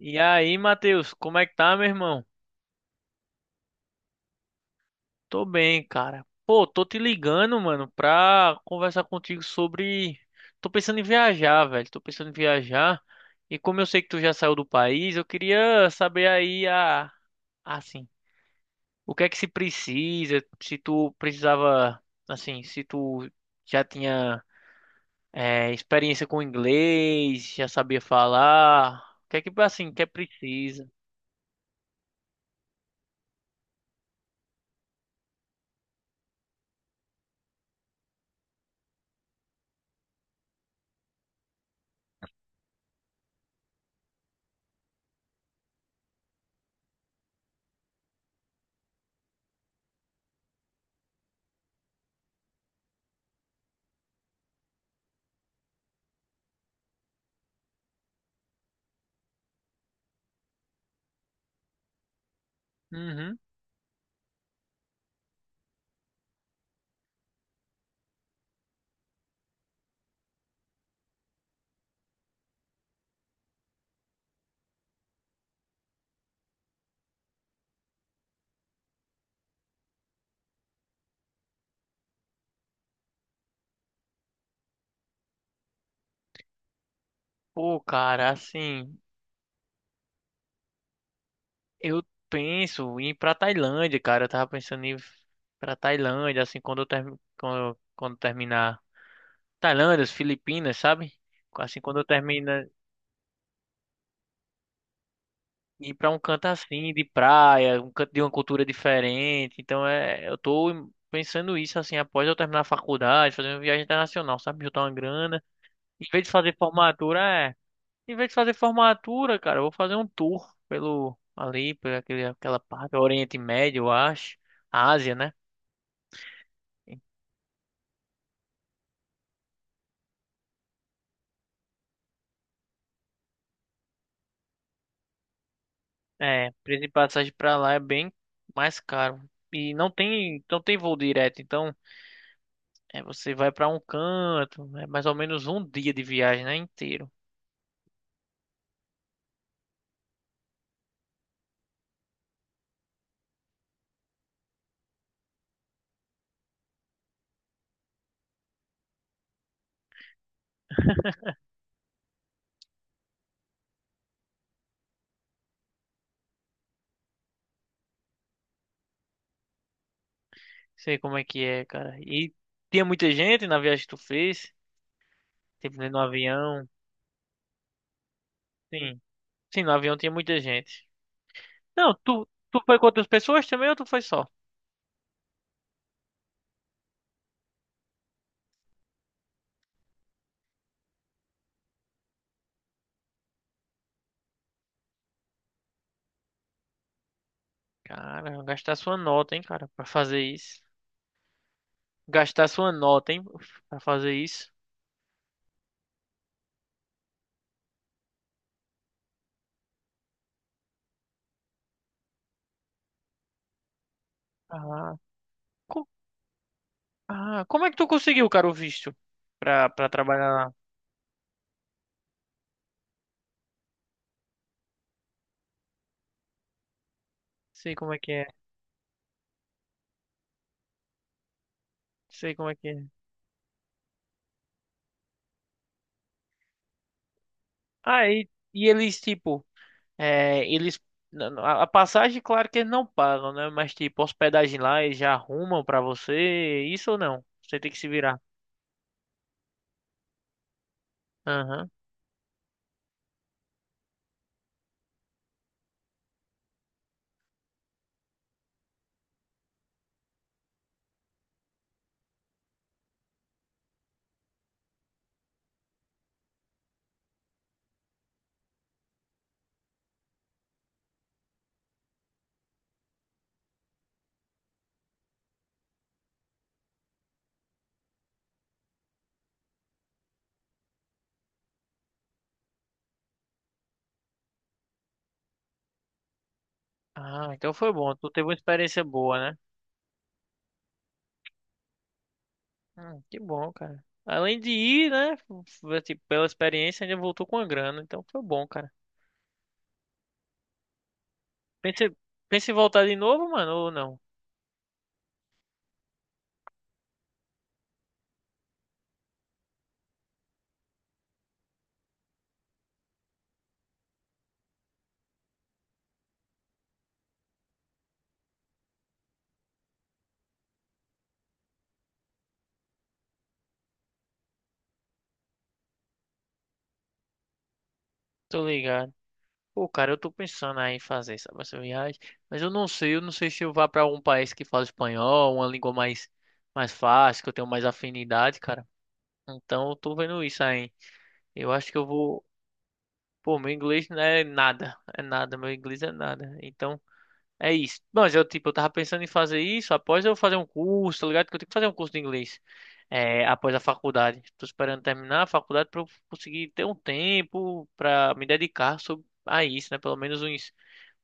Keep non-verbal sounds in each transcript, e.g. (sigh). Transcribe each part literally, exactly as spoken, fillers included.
E aí, Matheus, como é que tá, meu irmão? Tô bem, cara. Pô, tô te ligando, mano, pra conversar contigo sobre. Tô pensando em viajar, velho. Tô pensando em viajar. E como eu sei que tu já saiu do país, eu queria saber aí a. Assim, o que é que se precisa? Se tu precisava. Assim, se tu já tinha é, experiência com inglês, já sabia falar. O que é que, assim, que é precisa? Uhum. Pô, cara, assim. Eu penso em ir pra Tailândia, cara. Eu tava pensando em ir pra Tailândia, assim, quando eu, termi... quando, eu- quando terminar. Tailândia, as Filipinas, sabe? Assim, quando eu terminar, ir pra um canto assim, de praia, um canto de uma cultura diferente. Então, é... eu tô pensando isso, assim, após eu terminar a faculdade, fazer uma viagem internacional, sabe? Juntar uma grana. Em vez de fazer formatura, é. Em vez de fazer formatura, cara, eu vou fazer um tour pelo. Ali, por aquele, aquela parte, Oriente Médio, eu acho. Ásia, né? É, preço de passagem pra lá é bem mais caro. E não tem, não tem voo direto, então é, você vai pra um canto, é mais ou menos um dia de viagem, né, inteiro. Sei como é que é, cara. E tinha muita gente na viagem que tu fez, tipo né, no avião. Sim, sim, no avião tinha muita gente. Não, tu, tu foi com outras pessoas também ou tu foi só? Cara, gastar sua nota, hein, cara, pra fazer isso. Gastar sua nota, hein, pra fazer isso. Ah, co- Ah, como é que tu conseguiu, cara, o visto pra, pra trabalhar lá? Sei como é que é. Sei como é que é. Ah, e, e eles, tipo, é, eles. na- na- A passagem, claro que eles não pagam, né? Mas, tipo, hospedagem lá eles já arrumam pra você. Isso ou não? Você tem que se virar. Aham. Ah, então foi bom. Tu teve uma experiência boa, né? Hum, que bom, cara. Além de ir, né? f- Tipo, pela experiência, ainda voltou com a grana. Então foi bom, cara. Pensa, pensa em voltar de novo, mano, ou não? Tô ligado. Pô, cara, eu tô pensando aí em fazer, sabe, essa viagem, mas eu não sei, eu não sei se eu vá pra algum país que fala espanhol, uma língua mais, mais fácil, que eu tenho mais afinidade, cara. Então eu tô vendo isso aí. Eu acho que eu vou. Pô, meu inglês não é nada, é nada, meu inglês é nada. Então. É isso. Mas eu, tipo, eu tava pensando em fazer isso após eu fazer um curso, tá ligado? Que eu tenho que fazer um curso de inglês. É, após a faculdade. Tô esperando terminar a faculdade pra eu conseguir ter um tempo pra me dedicar sob- a isso, né? Pelo menos uns,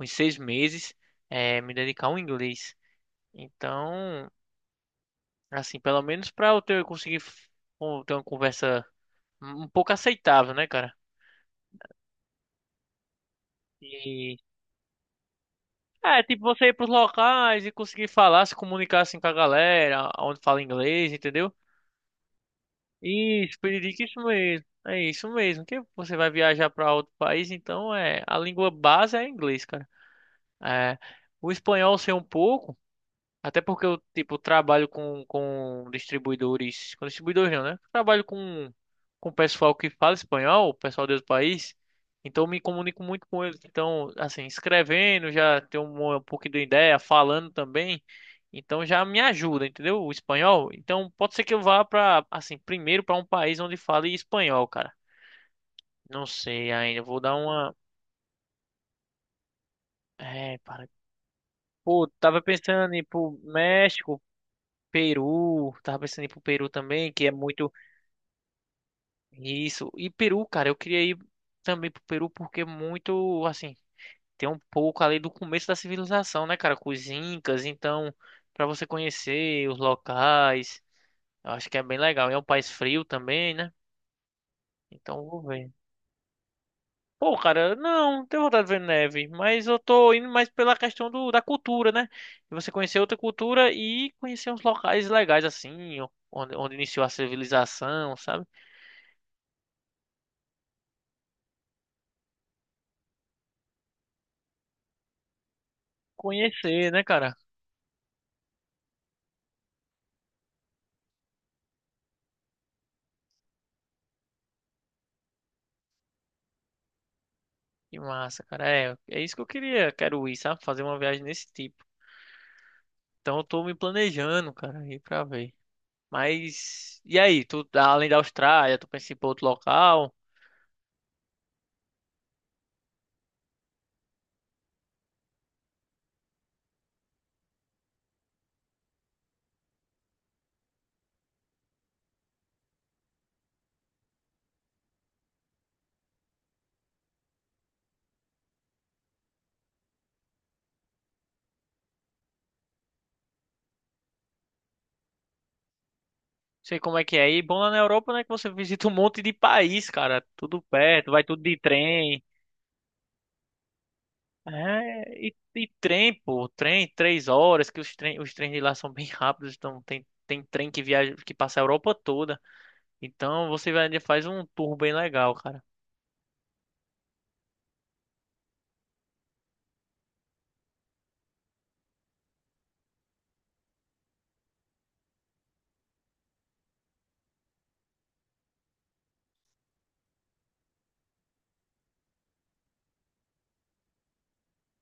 uns seis meses, é, me dedicar ao inglês. Então, assim, pelo menos pra eu ter, eu conseguir f- com- ter uma conversa um pouco aceitável, né, cara? E. É, tipo, você ir pros locais e conseguir falar, se comunicar assim com a galera, onde fala inglês, entendeu? Isso, Piririca, isso mesmo. É isso mesmo. Que você vai viajar para outro país, então é a língua base é inglês, cara. É, o espanhol sei um pouco. Até porque eu, tipo, trabalho com, com distribuidores. Com distribuidores não, né? Trabalho com, com pessoal que fala espanhol, pessoal desse país. Então eu me comunico muito com eles. Então, assim, escrevendo, já tenho um, um pouquinho de ideia, falando também. Então já me ajuda, entendeu? O espanhol. Então pode ser que eu vá pra, assim, primeiro pra um país onde fale espanhol, cara. Não sei ainda. Eu vou dar uma. É, para. Pô, tava pensando em ir pro México, Peru. Tava pensando em ir pro Peru também, que é muito. Isso. E Peru, cara, eu queria ir também pro Peru porque é muito, assim, tem um pouco ali do começo da civilização, né, cara, com os incas, então, para você conhecer os locais, eu acho que é bem legal. E é um país frio também, né? Então, eu vou ver. Pô, cara, não, não tenho vontade de ver neve, mas eu tô indo mais pela questão do, da cultura, né? De você conhecer outra cultura e conhecer uns locais legais assim, onde, onde iniciou a civilização, sabe? Conhecer, né, cara? Que massa, cara. É, é isso que eu queria. Quero ir, sabe? Fazer uma viagem desse tipo. Então eu tô me planejando, cara, ir pra ver. Mas, e aí? Tu, além da Austrália, tu pensa em ir pra outro local? Não sei como é que é aí. Bom lá na Europa, né? Que você visita um monte de país, cara. Tudo perto, vai tudo de trem. É, e, e trem, pô. Trem, três horas, que os, trem, os trens de lá são bem (laughs) rápidos. Então tem, tem trem que viaja, que passa a Europa toda. Então você vai, faz um tour bem legal, cara.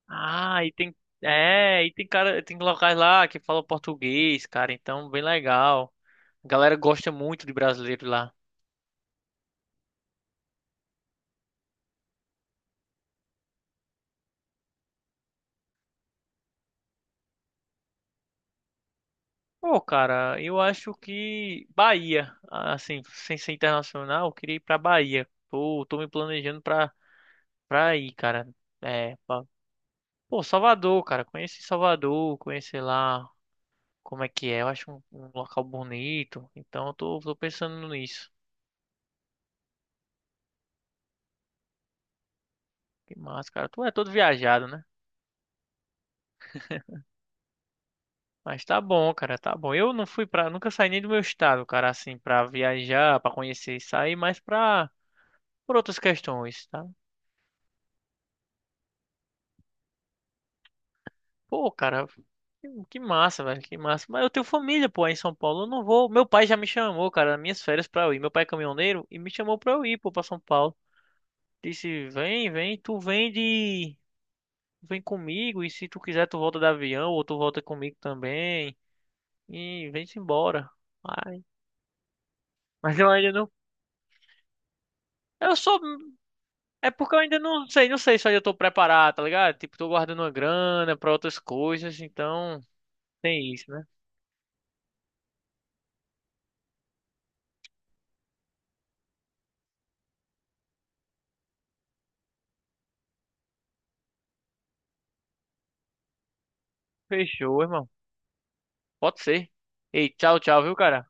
Ah, e tem. É, e tem cara, tem locais lá que falam português, cara. Então, bem legal. A galera gosta muito de brasileiro lá. Pô, cara, eu acho que Bahia, assim, sem ser internacional, eu queria ir pra Bahia. Tô, tô me planejando pra, pra ir, cara. É, pra- pô, Salvador, cara. Conheci Salvador, conhecer lá como é que é. Eu acho um, um local bonito. Então, eu tô, tô pensando nisso. Que massa, cara. Tu é todo viajado, né? Mas tá bom, cara, tá bom. Eu não fui pra. Nunca saí nem do meu estado, cara, assim, pra viajar, pra conhecer e sair, mas pra. Por outras questões, tá? Pô, cara, que, que massa, velho, que massa. Mas eu tenho família, pô, aí em São Paulo. Eu não vou. Meu pai já me chamou, cara, nas minhas férias pra eu ir. Meu pai é caminhoneiro e me chamou pra eu ir, pô, pra São Paulo. Disse: vem, vem, tu vem de. Vem comigo e se tu quiser, tu volta de avião ou tu volta comigo também. E vem-se embora. Ai, mas eu ainda não. Eu sou É porque eu ainda não sei, não sei, se eu ainda tô preparado, tá ligado? Tipo, tô guardando uma grana pra outras coisas, então tem isso, né? Fechou, irmão. Pode ser. Ei, tchau, tchau, viu, cara?